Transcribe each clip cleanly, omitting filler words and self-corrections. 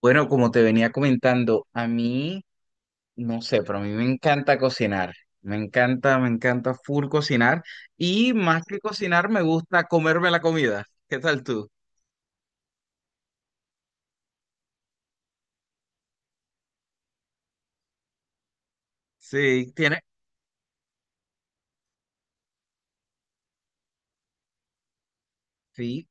Bueno, como te venía comentando, a mí, no sé, pero a mí me encanta cocinar. Me encanta full cocinar. Y más que cocinar, me gusta comerme la comida. ¿Qué tal tú? Sí, tiene, sí,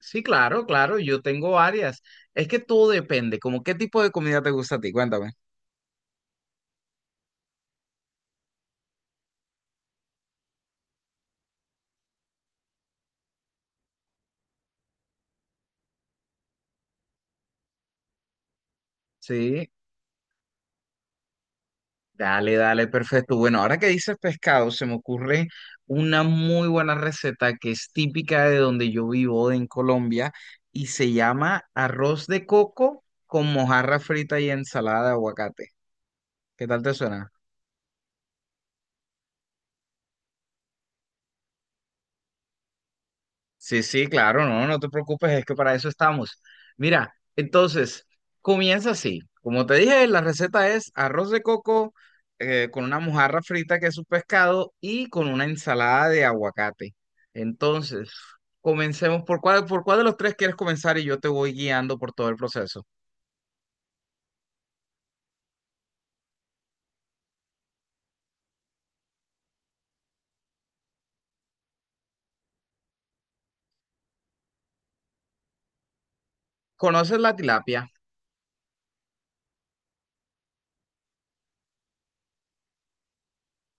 sí, claro, claro, yo tengo varias. Es que todo depende, como qué tipo de comida te gusta a ti, cuéntame. Sí. Dale, dale, perfecto. Bueno, ahora que dices pescado, se me ocurre una muy buena receta que es típica de donde yo vivo, en Colombia, y se llama arroz de coco con mojarra frita y ensalada de aguacate. ¿Qué tal te suena? Sí, sí, claro, no, no te preocupes, es que para eso estamos. Mira, entonces, comienza así. Como te dije, la receta es arroz de coco con una mojarra frita que es un pescado y con una ensalada de aguacate. Entonces, comencemos por cuál de los tres quieres comenzar y yo te voy guiando por todo el proceso. ¿Conoces la tilapia?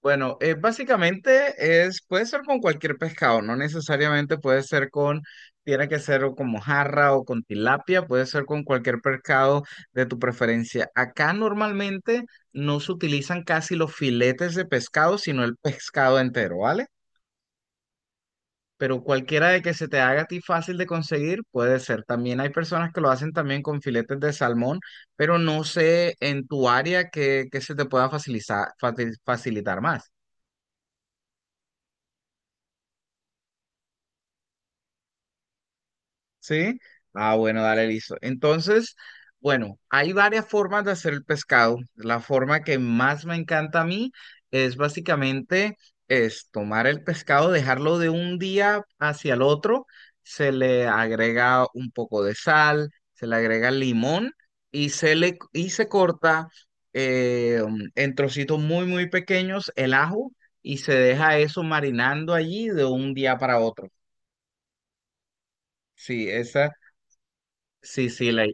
Bueno, básicamente es, puede ser con cualquier pescado, no necesariamente puede ser con, tiene que ser o con mojarra o con tilapia, puede ser con cualquier pescado de tu preferencia. Acá normalmente no se utilizan casi los filetes de pescado, sino el pescado entero, ¿vale? Pero cualquiera de que se te haga a ti fácil de conseguir puede ser. También hay personas que lo hacen también con filetes de salmón, pero no sé en tu área que se te pueda facilitar, facilitar más. ¿Sí? Ah, bueno, dale, listo. Entonces, bueno, hay varias formas de hacer el pescado. La forma que más me encanta a mí es básicamente es tomar el pescado, dejarlo de un día hacia el otro, se le agrega un poco de sal, se le agrega limón y se le y se corta eh, en trocitos muy, muy pequeños el ajo y se deja eso marinando allí de un día para otro. Sí, esa, sí, sí, la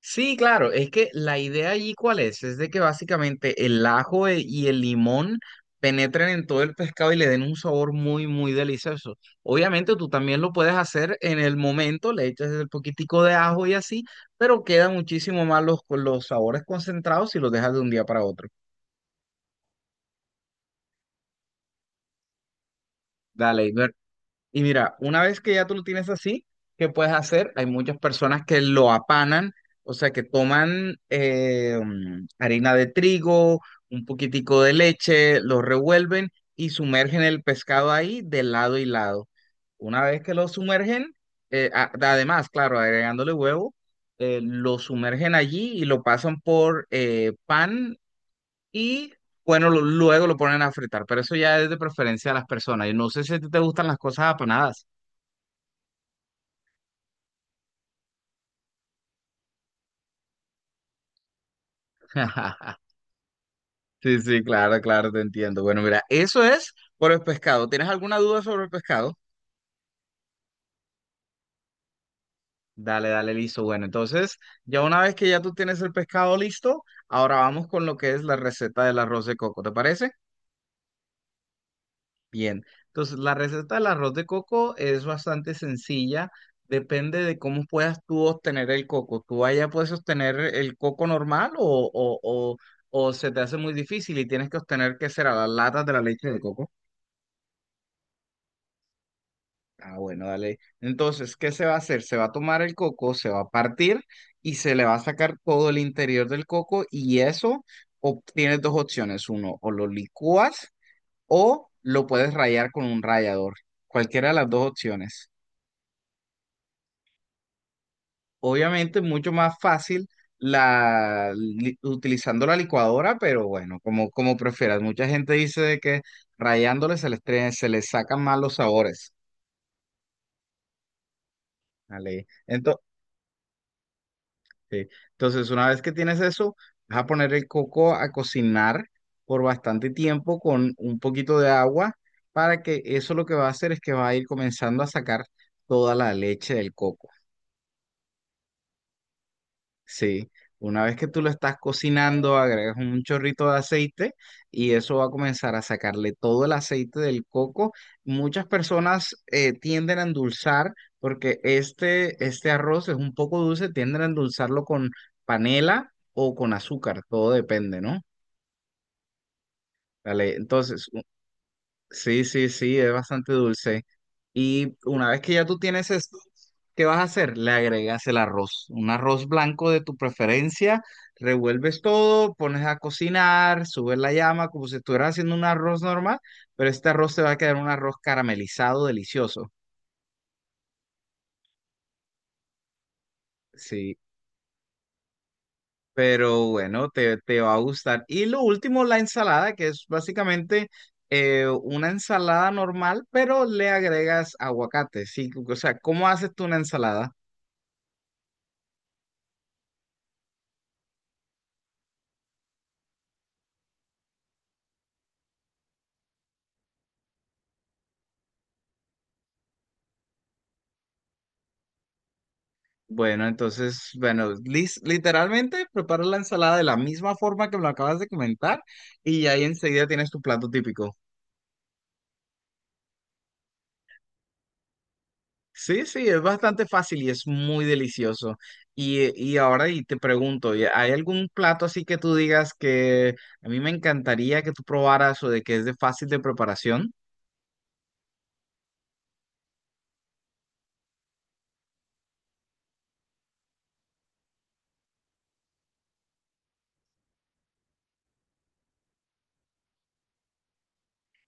sí, claro, es que la idea allí cuál es de que básicamente y el limón penetren en todo el pescado y le den un sabor muy, muy delicioso. Obviamente tú también lo puedes hacer en el momento, le echas el poquitico de ajo y así, pero quedan muchísimo más los sabores concentrados si los dejas de un día para otro. Dale, y mira, una vez que ya tú lo tienes así, ¿qué puedes hacer? Hay muchas personas que lo apanan, o sea, que toman harina de trigo, un poquitico de leche, lo revuelven y sumergen el pescado ahí de lado y lado. Una vez que lo sumergen, a- además, claro, agregándole huevo, lo sumergen allí y lo pasan por pan y, bueno, luego lo ponen a fritar, pero eso ya es de preferencia de las personas. Y no sé si a ti te gustan las cosas apanadas. Sí, sí, claro, claro, te entiendo. Bueno, mira, eso es por el pescado. ¿Tienes alguna duda sobre el pescado? Dale, dale, listo. Bueno, entonces, ya una vez que ya tú tienes el pescado listo, ahora vamos con lo que es la receta del arroz de coco, ¿te parece? Bien. Entonces, la receta del arroz de coco es bastante sencilla. Depende de cómo puedas tú obtener el coco. ¿Tú allá puedes obtener el coco normal o se te hace muy difícil y tienes que obtener, ¿qué será? Las latas de la leche de coco. Ah, bueno, dale. Entonces, ¿qué se va a hacer? Se va a tomar el coco, se va a partir y se le va a sacar todo el interior del coco y eso tienes dos opciones. Uno, o lo licúas o lo puedes rayar con un rallador. Cualquiera de las dos opciones. Obviamente, mucho más fácil utilizando la licuadora, pero bueno, como, como prefieras. Mucha gente dice de que rayándole se les sacan más los sabores. Dale. Ento- Sí. Entonces, una vez que tienes eso, vas a poner el coco a cocinar por bastante tiempo con un poquito de agua para que eso lo que va a hacer es que va a ir comenzando a sacar toda la leche del coco. Sí, una vez que tú lo estás cocinando, agregas un chorrito de aceite y eso va a comenzar a sacarle todo el aceite del coco. Muchas personas tienden a endulzar porque este arroz es un poco dulce, tienden a endulzarlo con panela o con azúcar, todo depende, ¿no? Dale, entonces, sí, sí, sí, es bastante dulce. Y una vez que ya tú tienes esto, ¿qué vas a hacer? Le agregas el arroz, un arroz blanco de tu preferencia, revuelves todo, pones a cocinar, subes la llama como si estuvieras haciendo un arroz normal, pero este arroz te va a quedar un arroz caramelizado, delicioso. Sí, pero bueno, te va a gustar. Y lo último, la ensalada, que es básicamente una ensalada normal, pero le agregas aguacate, sí, o sea, ¿cómo haces tú una ensalada? Bueno, entonces, bueno, literalmente prepara la ensalada de la misma forma que me lo acabas de comentar y ahí enseguida tienes tu plato típico. Sí, sí, es bastante fácil y es muy delicioso. Y ahora y te pregunto, ¿hay algún plato así que tú digas que a mí me encantaría que tú probaras o de que es de fácil de preparación?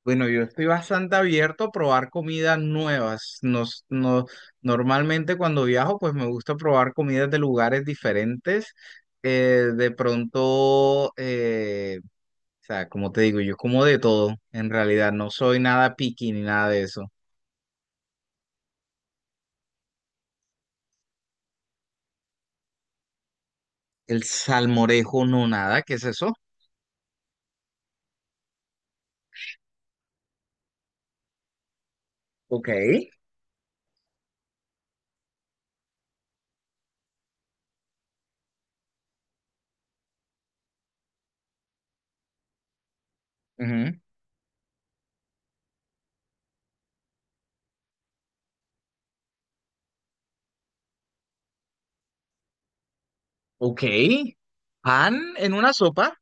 Bueno, yo estoy bastante abierto a probar comidas nuevas. Nos, no, normalmente cuando viajo, pues me gusta probar comidas de lugares diferentes. Eh, de pronto, eh, o sea, como te digo, yo como de todo. En realidad, no soy nada picky ni nada de eso. El salmorejo, no nada. ¿Qué es eso? Ok. Ujú. Ok. ¿Pan en una sopa?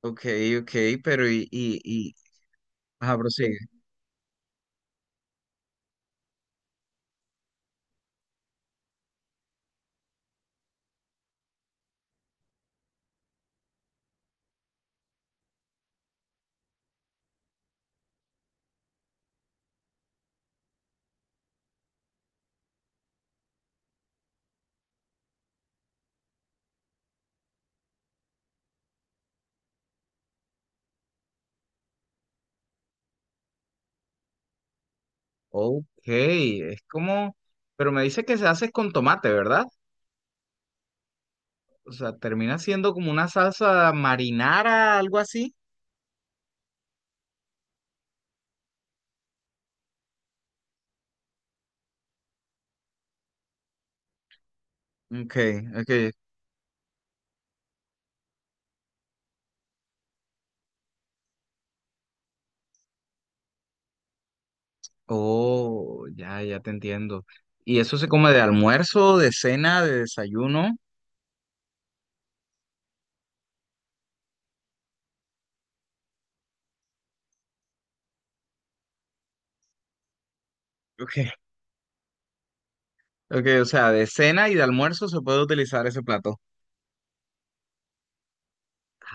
Ok, ok, pero y... Ajá, prosigue. Ok, es como, pero me dice que se hace con tomate, ¿verdad? O sea, termina siendo como una salsa marinara, algo así. Ok, ok. Oh, ya, ya te entiendo. ¿Y eso se come de almuerzo, de cena, de desayuno? Ok. Ok, o sea, de cena y de almuerzo se puede utilizar ese plato.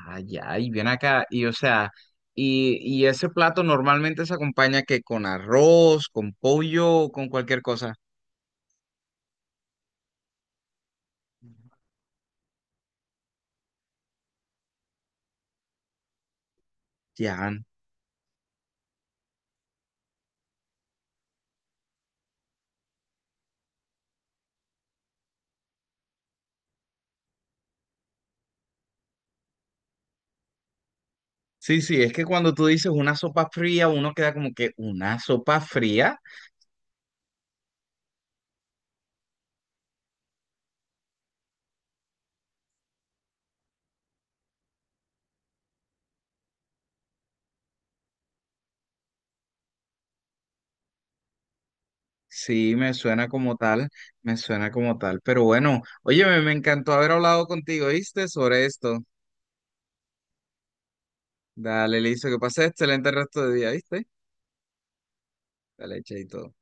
Ah, ya, y viene acá, y o sea, y ese plato normalmente se acompaña que con arroz, con pollo, o con cualquier cosa. Ya, sí, sí, es que cuando tú dices una sopa fría, uno queda como que una sopa fría. Sí, me suena como tal, me suena como tal. Pero bueno, oye, me encantó haber hablado contigo, ¿viste? Sobre esto. Dale, listo, que pases excelente el resto de día, ¿viste? Dale, chaito.